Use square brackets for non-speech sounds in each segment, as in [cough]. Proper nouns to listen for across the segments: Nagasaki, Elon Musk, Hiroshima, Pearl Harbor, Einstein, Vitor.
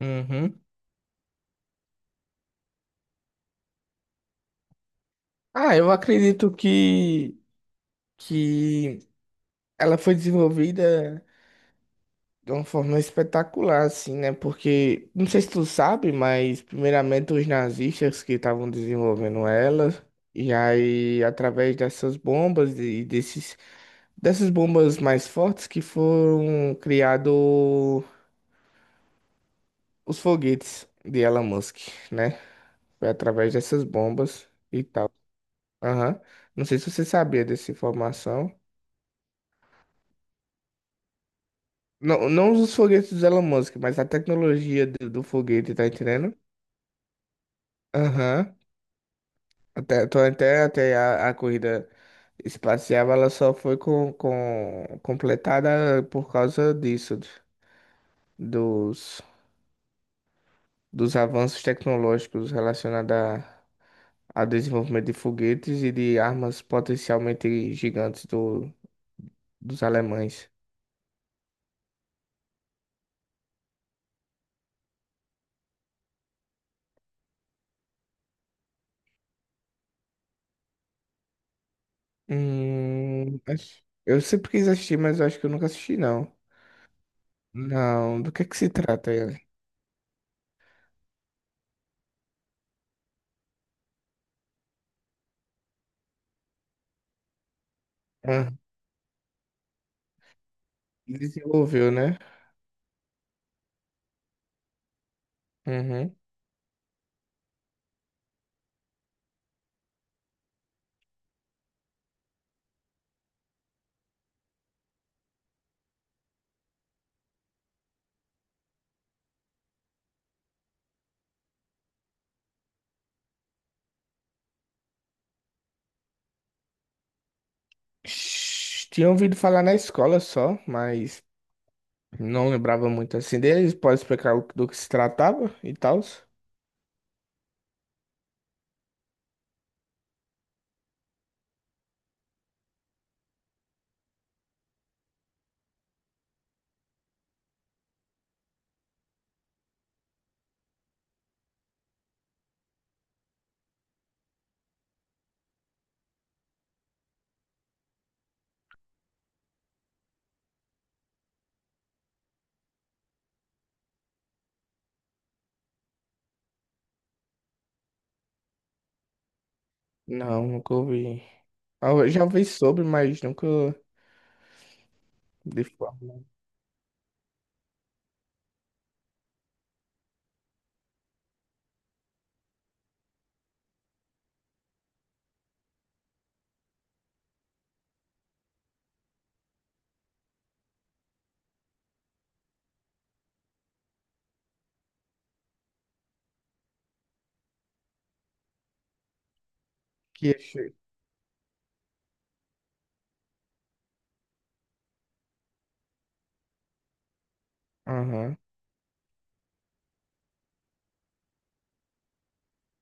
Uhum. Ah, eu acredito que ela foi desenvolvida de uma forma espetacular, assim, né? Porque, não sei se tu sabe, mas primeiramente os nazistas que estavam desenvolvendo ela, e aí através dessas bombas dessas bombas mais fortes que foram criados os foguetes de Elon Musk, né? Foi através dessas bombas e tal. Aham. Não sei se você sabia dessa informação. Não, não os foguetes do Elon Musk, mas a tecnologia do foguete, tá entendendo? Aham. Até a corrida espacial, ela só foi completada por causa disso, dos, dos avanços tecnológicos relacionados a, ao desenvolvimento de foguetes e de armas potencialmente gigantes dos alemães. Eu sempre quis assistir, mas eu acho que eu nunca assisti, não. Não, do que se trata ele? Desenvolveu, né? Uhum. Tinha ouvido falar na escola só, mas não lembrava muito assim deles. Pode explicar do que se tratava e tal? Não, nunca ouvi. Ah, eu já ouvi sobre, mas nunca de forma que achei. Aham.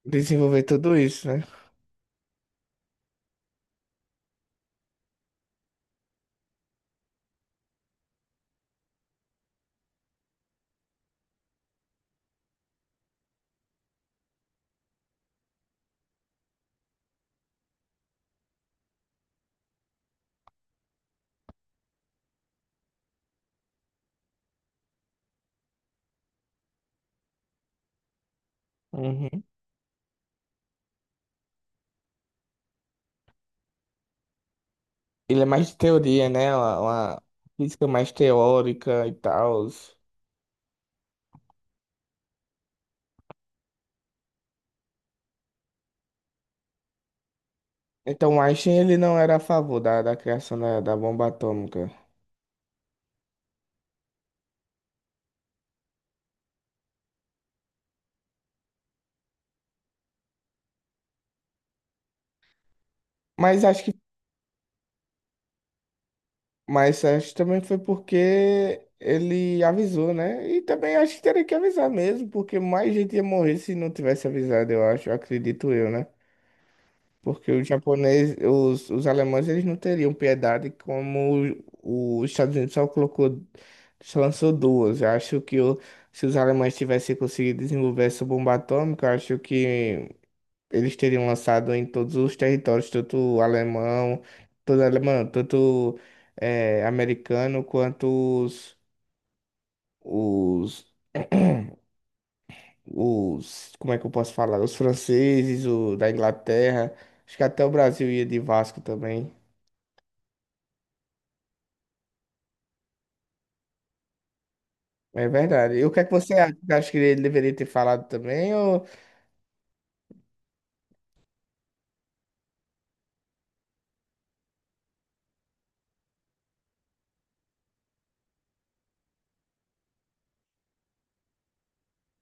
Desenvolver tudo isso, né? Uhum. Ele é mais de teoria, né? Uma física mais teórica e tal. Então, Einstein ele não era a favor da criação da bomba atômica. Mas acho Mas acho também foi porque ele avisou, né? E também acho que teria que avisar mesmo, porque mais gente ia morrer se não tivesse avisado, eu acho, acredito eu, né? Porque os japoneses, os alemães, eles não teriam piedade como os Estados Unidos só colocou, só lançou duas. Eu acho que o- Se os alemães tivessem conseguido desenvolver essa bomba atômica, eu acho que eles teriam lançado em todos os territórios, tanto alemão, todo alemão, tanto americano, quanto os, os, [clears throat] os, como é que eu posso falar? Os franceses, o da Inglaterra, acho que até o Brasil ia de Vasco também. É verdade. E o que é que você acha? Você acha que ele deveria ter falado também? Ou...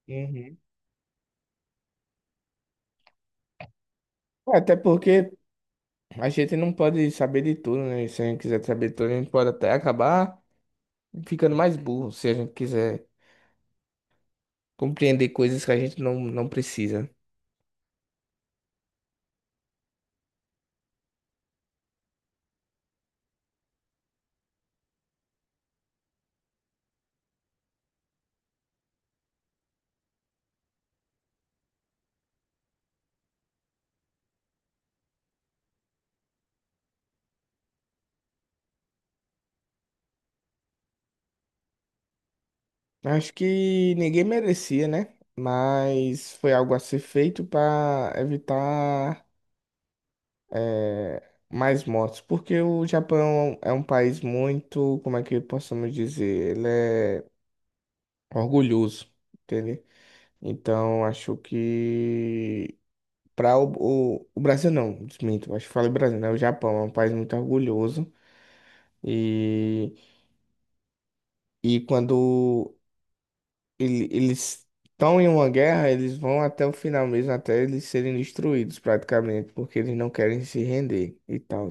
Uhum. Até porque a gente não pode saber de tudo, né? Se a gente quiser saber de tudo, a gente pode até acabar ficando mais burro, se a gente quiser compreender coisas que a gente não precisa. Acho que ninguém merecia, né? Mas foi algo a ser feito para evitar eh, mais mortes, porque o Japão é um país muito, como é que possamos dizer, ele é orgulhoso, entende? Então acho que para o Brasil não, desminto, acho que falei Brasil, né? O Japão é um país muito orgulhoso e e quando eles estão em uma guerra, eles vão até o final mesmo, até eles serem destruídos praticamente, porque eles não querem se render e tal.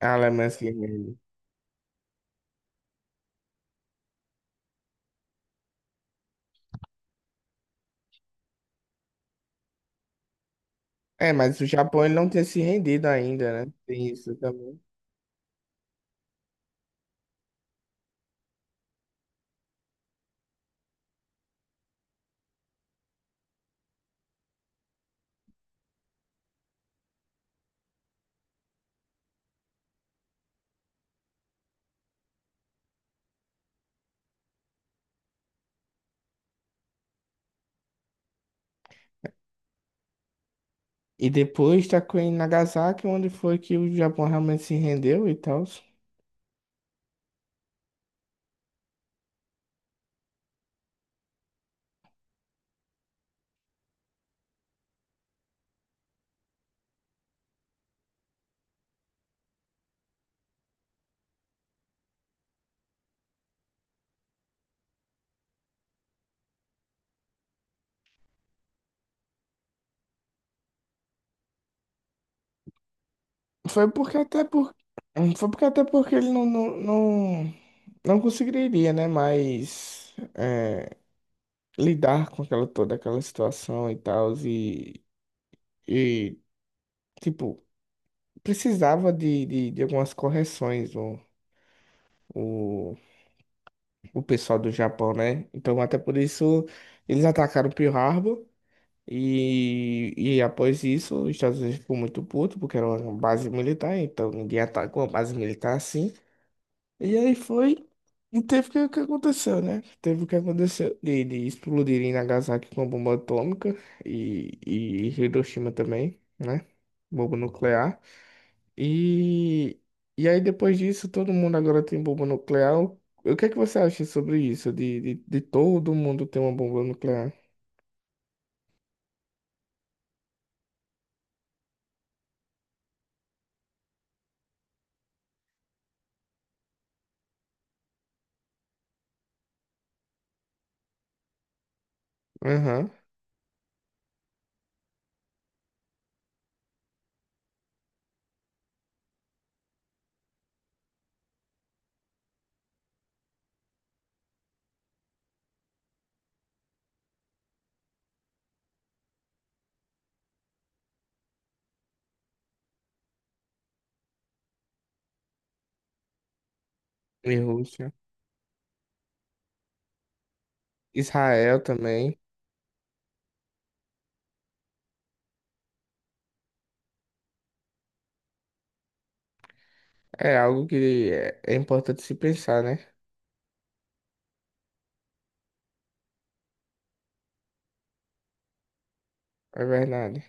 A Alemanha se rende. É, mas o Japão ele não tinha se rendido ainda, né? Tem isso também. E depois está em Nagasaki, onde foi que o Japão realmente se rendeu e tal. Foi porque até por... Foi porque até porque ele não conseguiria, né? Mas é, lidar com aquela toda aquela situação e tal. E, tipo, precisava de algumas correções o, o pessoal do Japão, né? Então, até por isso, eles atacaram Pearl Harbor. E após isso, os Estados Unidos ficou muito puto, porque era uma base militar, então ninguém atacou uma base militar assim. E aí foi. E teve o que aconteceu, né? Teve o que aconteceu de explodirem Nagasaki com a bomba atômica e Hiroshima também, né? Bomba nuclear. E, e aí, depois disso, todo mundo agora tem bomba nuclear. O que é que você acha sobre isso? De todo mundo ter uma bomba nuclear? Aham. E Rússia. Israel também. É algo que é, é importante se pensar, né? É verdade.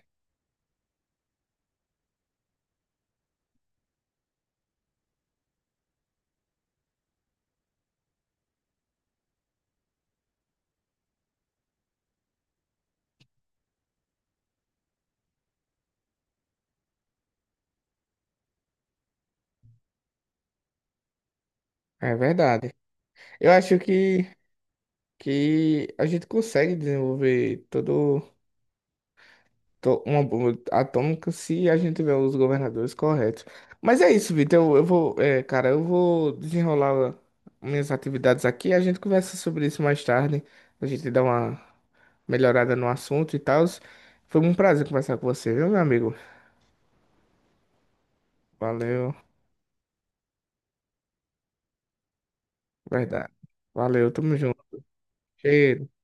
É verdade. Eu acho que a gente consegue desenvolver todo. Uma bomba atômica se a gente tiver os governadores corretos. Mas é isso, Vitor. Eu vou, é, cara, eu vou desenrolar minhas atividades aqui. A gente conversa sobre isso mais tarde. A gente dá uma melhorada no assunto e tal. Foi um prazer conversar com você, viu, meu amigo? Valeu, verdade. Valeu, tamo junto. Cheiro.